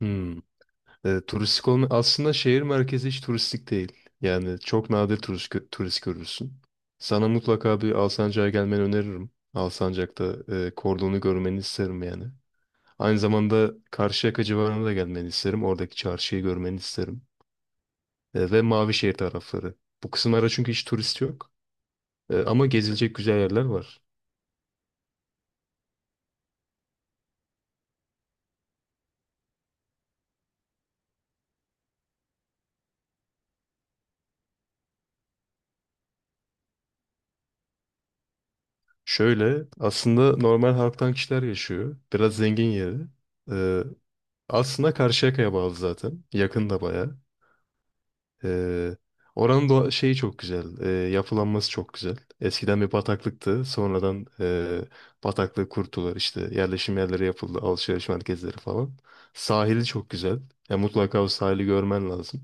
Hmm. Turistik olma aslında şehir merkezi hiç turistik değil. Yani çok nadir turist, turist görürsün. Sana mutlaka bir Alsancak'a gelmeni öneririm. Alsancak'ta kordonu görmeni isterim yani. Aynı zamanda Karşıyaka civarına da gelmeni isterim. Oradaki çarşıyı görmeni isterim. Ve Mavişehir tarafları. Bu kısımlara çünkü hiç turist yok. Ama gezilecek güzel yerler var. Şöyle aslında normal halktan kişiler yaşıyor. Biraz zengin yeri. E, Aslında Karşıyaka'ya bağlı zaten. Yakın da bayağı. Ee, Oranın şeyi çok güzel. Yapılanması çok güzel. Eskiden bir bataklıktı. Sonradan bataklığı kurtular işte. Yerleşim yerleri yapıldı. Alışveriş merkezleri falan. Sahili çok güzel. Ya mutlaka o sahili görmen lazım.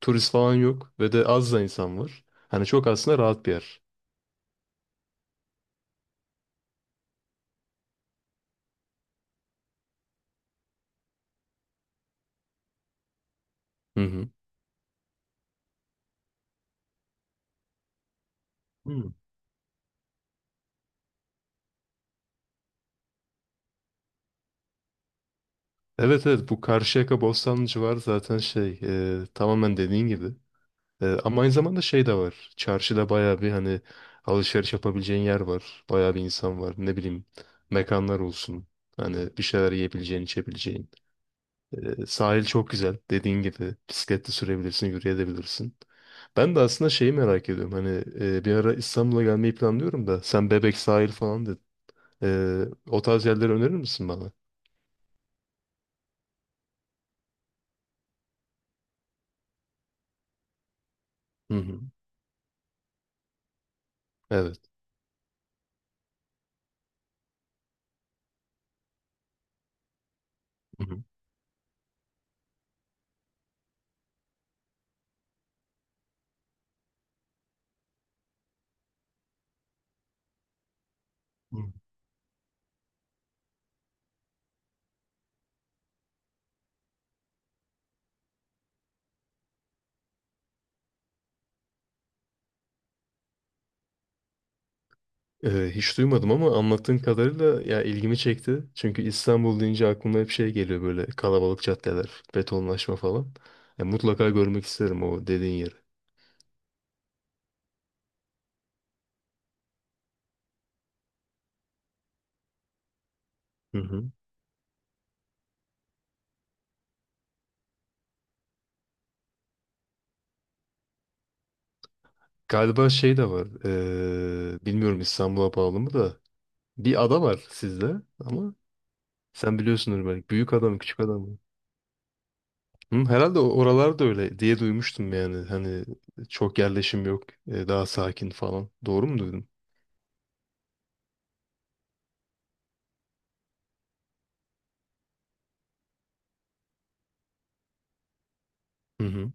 Turist falan yok ve de az da insan var. Hani çok aslında rahat bir yer. Hı hı. Hmm. Evet, evet, bu Karşıyaka Bostanlı civarı zaten şey tamamen dediğin gibi. Ama aynı zamanda şey de var. Çarşıda bayağı bir hani alışveriş yapabileceğin yer var. Bayağı bir insan var. Ne bileyim mekanlar olsun. Hani bir şeyler yiyebileceğin, içebileceğin. Sahil çok güzel. Dediğin gibi bisikletle sürebilirsin, yürüyebilirsin. Ben de aslında şeyi merak ediyorum. Hani bir ara İstanbul'a gelmeyi planlıyorum da sen Bebek sahil falan dedin. Ee, O tarz yerleri önerir misin bana? Hı hı. Evet. Hı hı. Hiç duymadım ama anlattığın kadarıyla ya ilgimi çekti. Çünkü İstanbul deyince aklıma hep şey geliyor böyle kalabalık caddeler, betonlaşma falan. Ya mutlaka görmek isterim o dediğin yeri. Hı hı. Galiba şey de var. Bilmiyorum İstanbul'a bağlı mı da. Bir ada var sizde ama sen biliyorsundur belki. Büyük adam mı küçük adam mı? Hı, herhalde oralar da öyle diye duymuştum yani. Hani çok yerleşim yok. Daha sakin falan. Doğru mu duydum? Hı hı.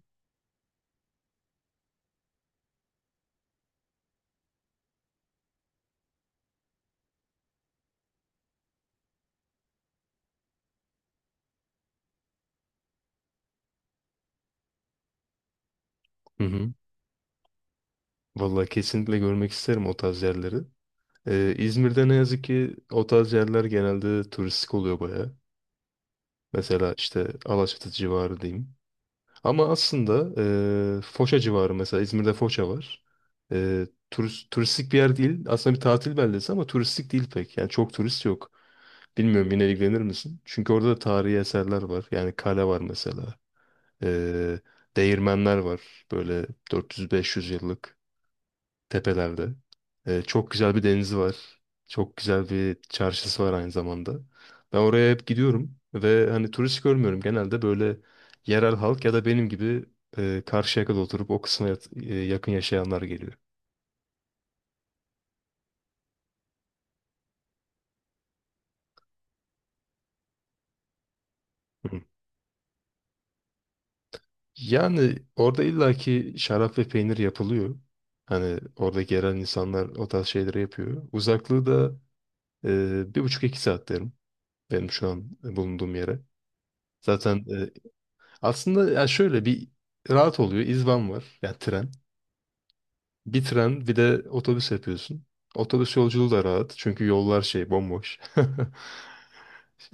Hı hı. Vallahi kesinlikle görmek isterim o tarz yerleri. İzmir'de ne yazık ki o tarz yerler genelde turistik oluyor baya. Mesela işte Alaçatı civarı diyeyim. Ama aslında Foça civarı mesela İzmir'de Foça var. Turistik bir yer değil. Aslında bir tatil beldesi ama turistik değil pek. Yani çok turist yok. Bilmiyorum yine ilgilenir misin? Çünkü orada da tarihi eserler var. Yani kale var mesela. E, Değirmenler var. Böyle 400-500 yıllık tepelerde. Çok güzel bir denizi var. Çok güzel bir çarşısı var aynı zamanda. Ben oraya hep gidiyorum ve hani turist görmüyorum. Genelde böyle yerel halk ya da benim gibi Karşıyaka'da oturup o kısma yakın yaşayanlar geliyor. Hı. Yani orada illaki şarap ve peynir yapılıyor. Hani oradaki yerel insanlar o tarz şeyleri yapıyor. Uzaklığı da 1,5-2 saat derim benim şu an bulunduğum yere. Zaten aslında ya şöyle bir rahat oluyor. İzban var. Yani tren. Bir tren bir de otobüs yapıyorsun. Otobüs yolculuğu da rahat. Çünkü yollar şey bomboş.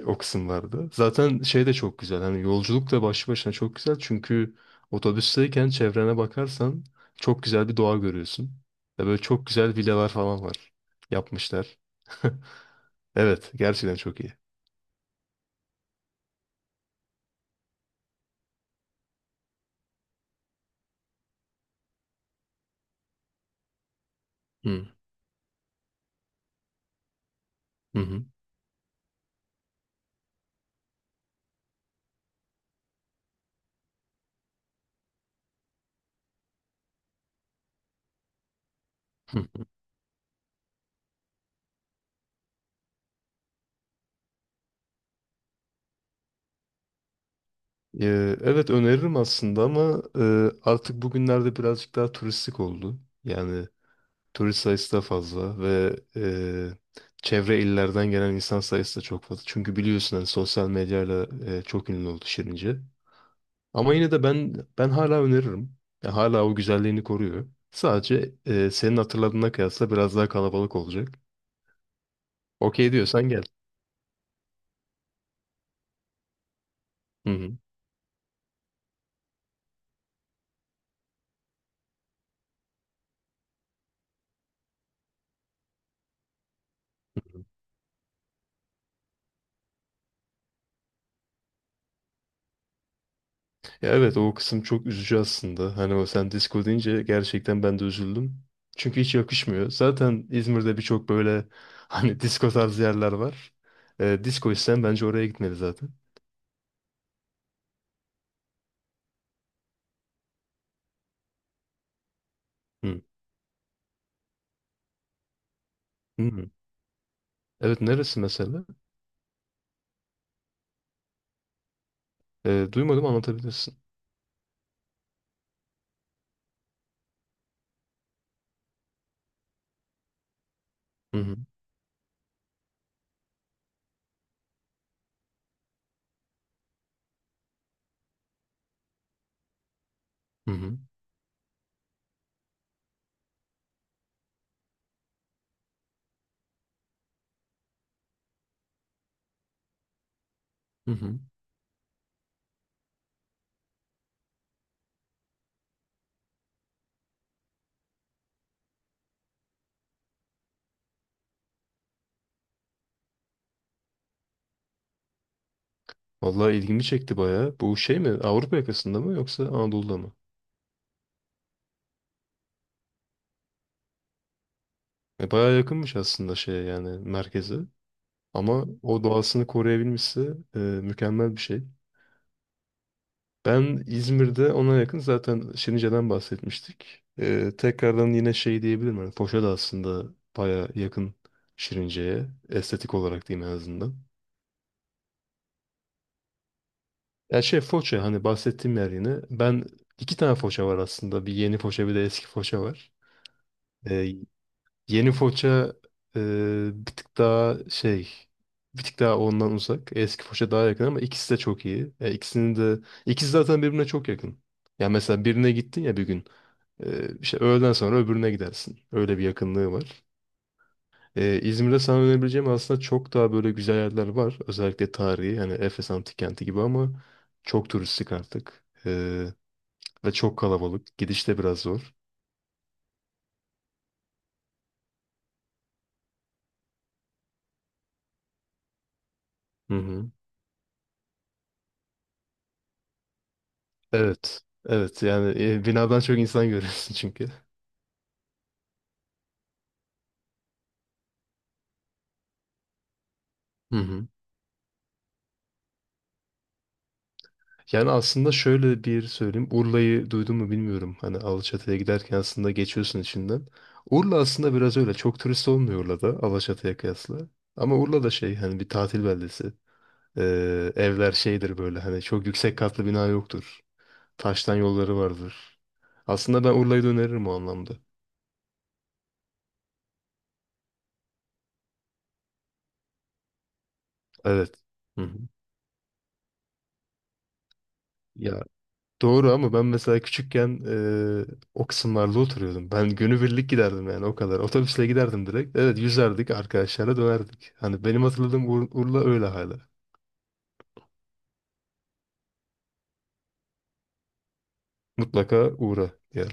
O kısımlarda. Zaten şey de çok güzel. Hani yolculuk da başlı başına çok güzel. Çünkü otobüsteyken çevrene bakarsan çok güzel bir doğa görüyorsun. Ve böyle çok güzel villalar falan var. Yapmışlar. Evet. Gerçekten çok iyi. Hı hı. Hı. Evet, öneririm aslında ama artık bugünlerde birazcık daha turistik oldu. Yani turist sayısı da fazla ve çevre illerden gelen insan sayısı da çok fazla. Çünkü biliyorsun hani sosyal medyayla çok ünlü oldu Şirince. Ama yine de ben hala öneririm. Ya hala o güzelliğini koruyor. Sadece senin hatırladığına kıyasla biraz daha kalabalık olacak. Okey diyorsan gel. Hı hı. Ya evet o kısım çok üzücü aslında. Hani o sen disco deyince gerçekten ben de üzüldüm. Çünkü hiç yakışmıyor. Zaten İzmir'de birçok böyle hani disco tarzı yerler var. Disco isteyen bence oraya gitmeli zaten. Hı. Hı. Evet, neresi mesela? Duymadım, anlatabilirsin. Hı hı. Hı hı. Hı hı. Vallahi ilgimi çekti bayağı. Bu şey mi? Avrupa yakasında mı yoksa Anadolu'da mı? Bayağı yakınmış aslında şeye yani merkeze. Ama o doğasını koruyabilmişse mükemmel bir şey. Ben İzmir'de ona yakın zaten Şirince'den bahsetmiştik. Tekrardan yine şey diyebilirim. Yani Foça da aslında baya yakın Şirince'ye. Estetik olarak diyeyim en azından. Ya şey Foça hani bahsettiğim yer yine. Ben iki tane Foça var aslında. Bir yeni Foça bir de eski Foça var. Ee, Yeni Foça e, bir tık daha şey bir tık daha ondan uzak. Eski Foça daha yakın ama ikisi de çok iyi. Ya ikisi zaten birbirine çok yakın. Ya mesela birine gittin ya bir gün. İşte öğleden sonra öbürüne gidersin. Öyle bir yakınlığı var. İzmir'de sana önerebileceğim aslında çok daha böyle güzel yerler var. Özellikle tarihi hani Efes Antik Kenti gibi ama çok turistik artık. Ve çok kalabalık. Gidiş de biraz zor. Hı hı. Evet. Evet yani binadan çok insan görüyorsun çünkü. Hı hı. Yani aslında şöyle bir söyleyeyim. Urla'yı duydun mu bilmiyorum. Hani Alaçatı'ya giderken aslında geçiyorsun içinden. Urla aslında biraz öyle. Çok turist olmuyor Urla'da Alaçatı'ya kıyasla. Ama Urla da şey hani bir tatil beldesi. Evler şeydir böyle hani çok yüksek katlı bina yoktur. Taştan yolları vardır. Aslında ben Urla'yı da öneririm o anlamda. Evet. Hı hı. Ya, doğru ama ben mesela küçükken o kısımlarda oturuyordum. Ben günübirlik giderdim yani o kadar. Otobüsle giderdim direkt. Evet, yüzerdik arkadaşlarla dönerdik. Hani benim hatırladığım Urla öyle hala. Mutlaka uğra diye.